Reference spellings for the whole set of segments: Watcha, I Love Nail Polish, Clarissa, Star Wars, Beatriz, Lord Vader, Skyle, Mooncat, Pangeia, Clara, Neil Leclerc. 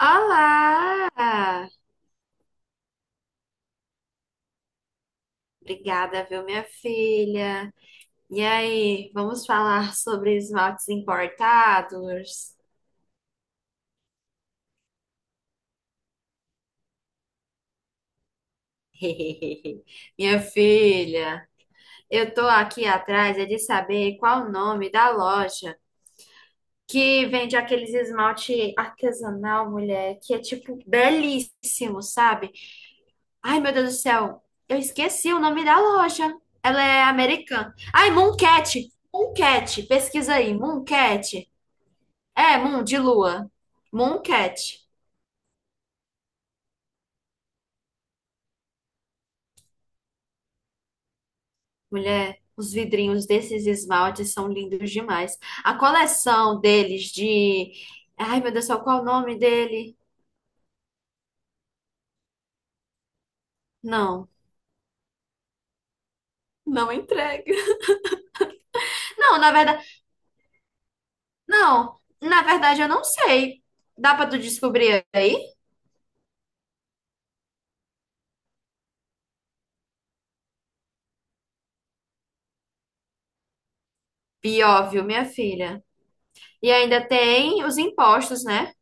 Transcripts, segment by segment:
Olá! Obrigada, viu, minha filha? E aí, vamos falar sobre esmaltes importados? Minha filha, eu tô aqui atrás é de saber qual o nome da loja que vende aqueles esmalte artesanal, mulher, que é tipo belíssimo, sabe? Ai, meu Deus do céu, eu esqueci o nome da loja. Ela é americana. Ai, Mooncat! Mooncat, pesquisa aí, Mooncat. É, Moon, de lua. Mooncat. Mulher, os vidrinhos desses esmaltes são lindos demais. A coleção deles de... ai, meu Deus do céu, qual é o nome dele? Não, não entrega. Não, na verdade... não, na verdade eu não sei. Dá pra tu descobrir aí? Pior, viu, minha filha? E ainda tem os impostos, né?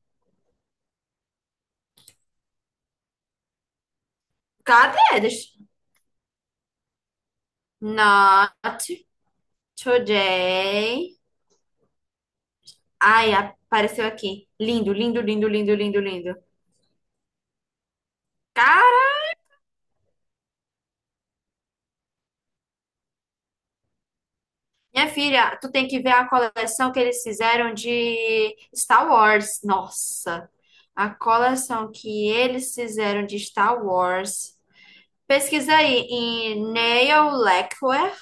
Cadê eles? Not today. Ai, apareceu aqui. Lindo, lindo, lindo, lindo, lindo, lindo. Cara, minha filha, tu tem que ver a coleção que eles fizeram de Star Wars. Nossa, a coleção que eles fizeram de Star Wars. Pesquisa aí em Neil Leclerc.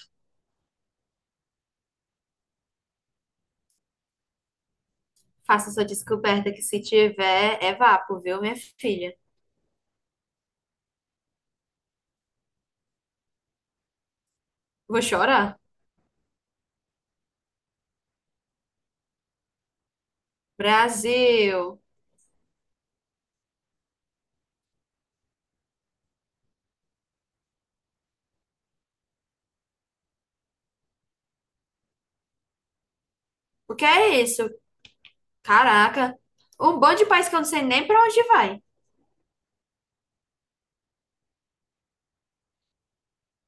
Faça sua descoberta que se tiver é vapo, viu, minha filha? Vou chorar. Brasil. O que é isso? Caraca. Um bando de país que eu não sei nem pra onde vai.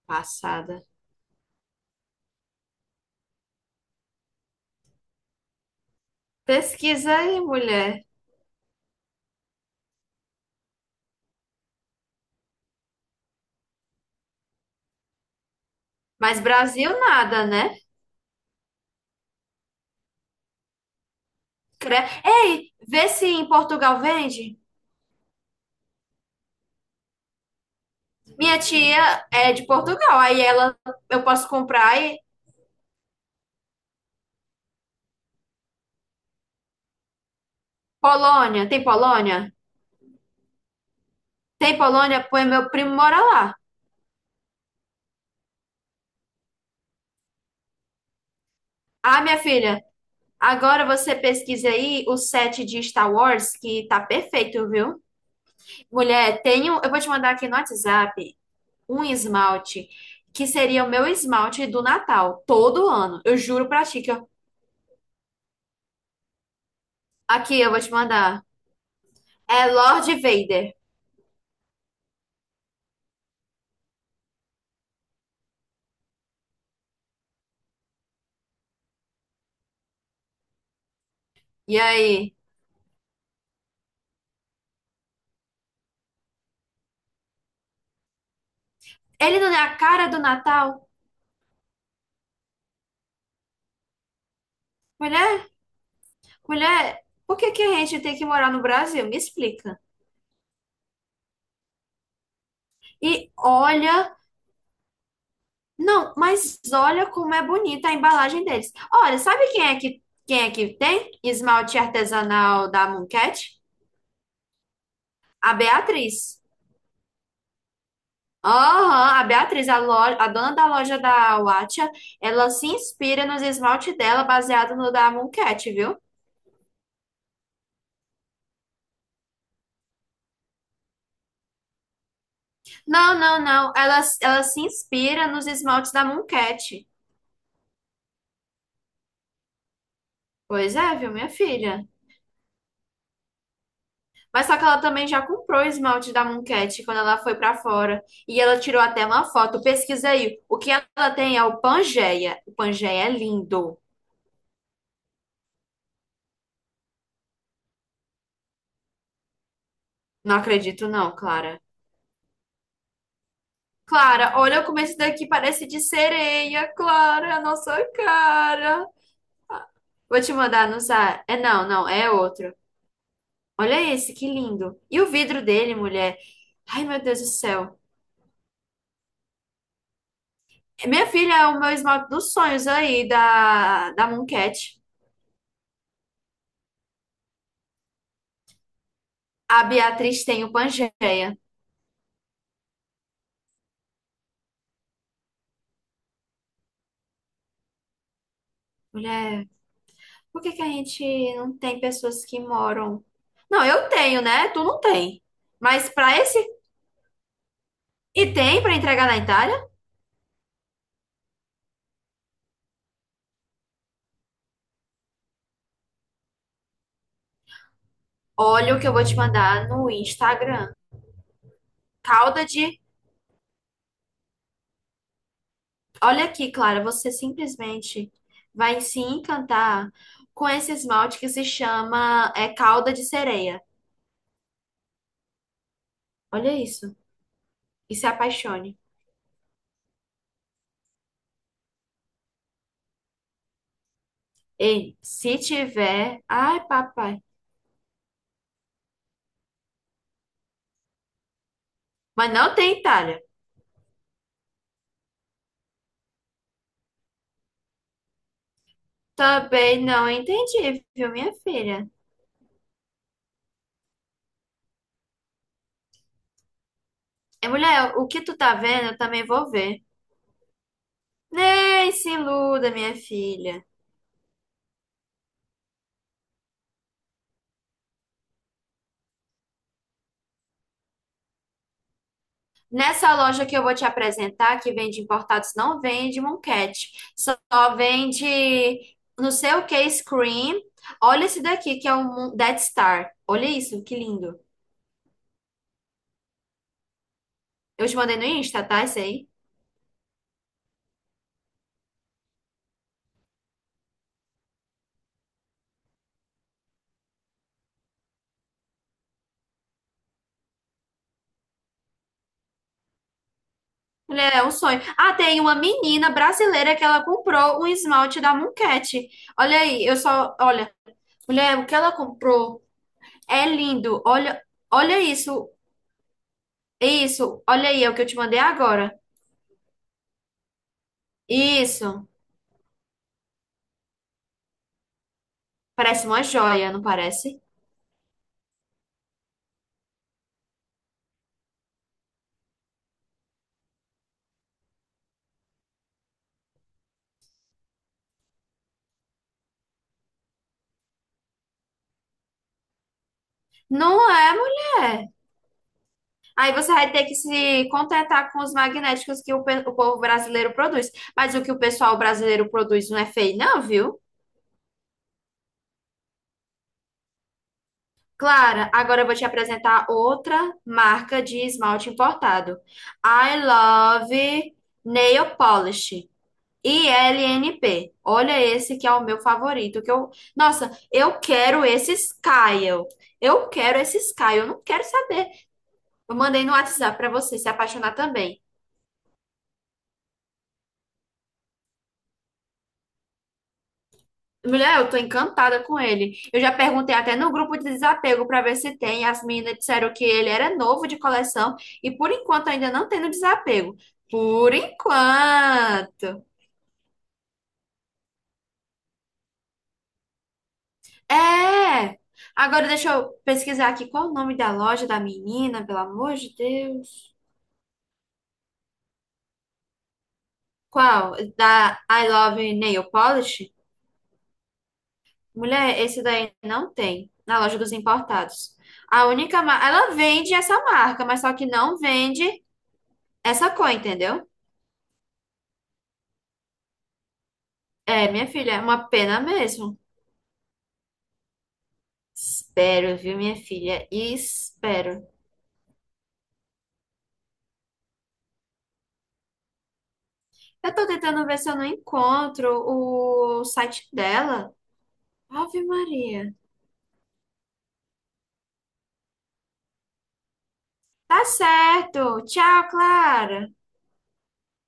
Passada. Pesquisa aí, mulher. Mas Brasil nada, né? Cre- ei, vê se em Portugal vende. Minha tia é de Portugal, aí ela eu posso comprar e Polônia, tem Polônia? Tem Polônia, pois meu primo mora lá. Ah, minha filha, agora você pesquisa aí o set de Star Wars que tá perfeito, viu? Mulher, tenho, eu vou te mandar aqui no WhatsApp um esmalte que seria o meu esmalte do Natal, todo ano. Eu juro pra ti que eu- aqui eu vou te mandar. É Lord Vader. E aí? Ele não é a cara do Natal? Mulher, mulher, por que que a gente tem que morar no Brasil? Me explica. E olha, não, mas olha como é bonita a embalagem deles. Olha, sabe quem é que tem esmalte artesanal da Mooncat? A Beatriz. Aham, a Beatriz, a, loja, a dona da loja da Watcha, ela se inspira nos esmaltes dela baseado no da Mooncat, viu? Não, não, não, ela se inspira nos esmaltes da Mooncat. Pois é, viu, minha filha? Mas só que ela também já comprou o esmalte da Mooncat quando ela foi pra fora. E ela tirou até uma foto. Pesquisa aí. O que ela tem é o Pangeia. O Pangeia é lindo. Não acredito, não, Clara. Clara, olha como esse daqui parece de sereia, Clara, é a nossa cara. Vou te mandar no zap. É não, não, é outro. Olha esse, que lindo. E o vidro dele, mulher. Ai, meu Deus do céu. Minha filha é o meu esmalte dos sonhos aí, da Mooncat. A Beatriz tem o Pangeia. Mulher, por que que a gente não tem pessoas que moram? Não, eu tenho, né? Tu não tem. Mas pra esse. E tem pra entregar na Itália? Olha o que eu vou te mandar no Instagram. Calda de. Olha aqui, Clara, você simplesmente vai se encantar com esse esmalte que se chama calda de sereia. Olha isso. E se apaixone. Ei, se tiver. Ai, papai. Mas não tem Itália. Também não entendi, viu, minha filha? É, mulher, o que tu tá vendo, eu também vou ver. Nem se iluda, minha filha. Nessa loja que eu vou te apresentar, que vende importados, não vende monquete. Só vende não sei o que, screen. Olha esse daqui, que é um Dead Star. Olha isso, que lindo. Eu te mandei no Insta, tá? Esse aí. Mulher, é um sonho. Ah, tem uma menina brasileira que ela comprou um esmalte da Mooncat. Olha aí, eu só, olha, mulher, o que ela comprou é lindo. Olha, olha isso. Isso, olha aí, é o que eu te mandei agora. Isso. Parece uma joia, não parece? Não é, mulher. Aí você vai ter que se contentar com os magnéticos que o, pe- o povo brasileiro produz. Mas o que o pessoal brasileiro produz não é feio, não, viu? Clara, agora eu vou te apresentar outra marca de esmalte importado. I Love Nail Polish. ILNP. Olha esse que é o meu favorito, que eu, nossa, eu quero esse Skyle. Eu quero esse Skyle, eu não quero saber. Eu mandei no WhatsApp pra você se apaixonar também. Mulher, eu tô encantada com ele. Eu já perguntei até no grupo de desapego pra ver se tem. As meninas disseram que ele era novo de coleção e por enquanto ainda não tem no desapego. Por enquanto. É. Agora deixa eu pesquisar aqui qual o nome da loja da menina, pelo amor de Deus. Qual? Da I Love Nail Polish? Mulher, esse daí não tem na loja dos importados. A única, ma- ela vende essa marca, mas só que não vende essa cor, entendeu? É, minha filha, é uma pena mesmo. Espero, viu, minha filha? Espero. Eu tô tentando ver se eu não encontro o site dela. Ave Maria. Tá certo. Tchau, Clara.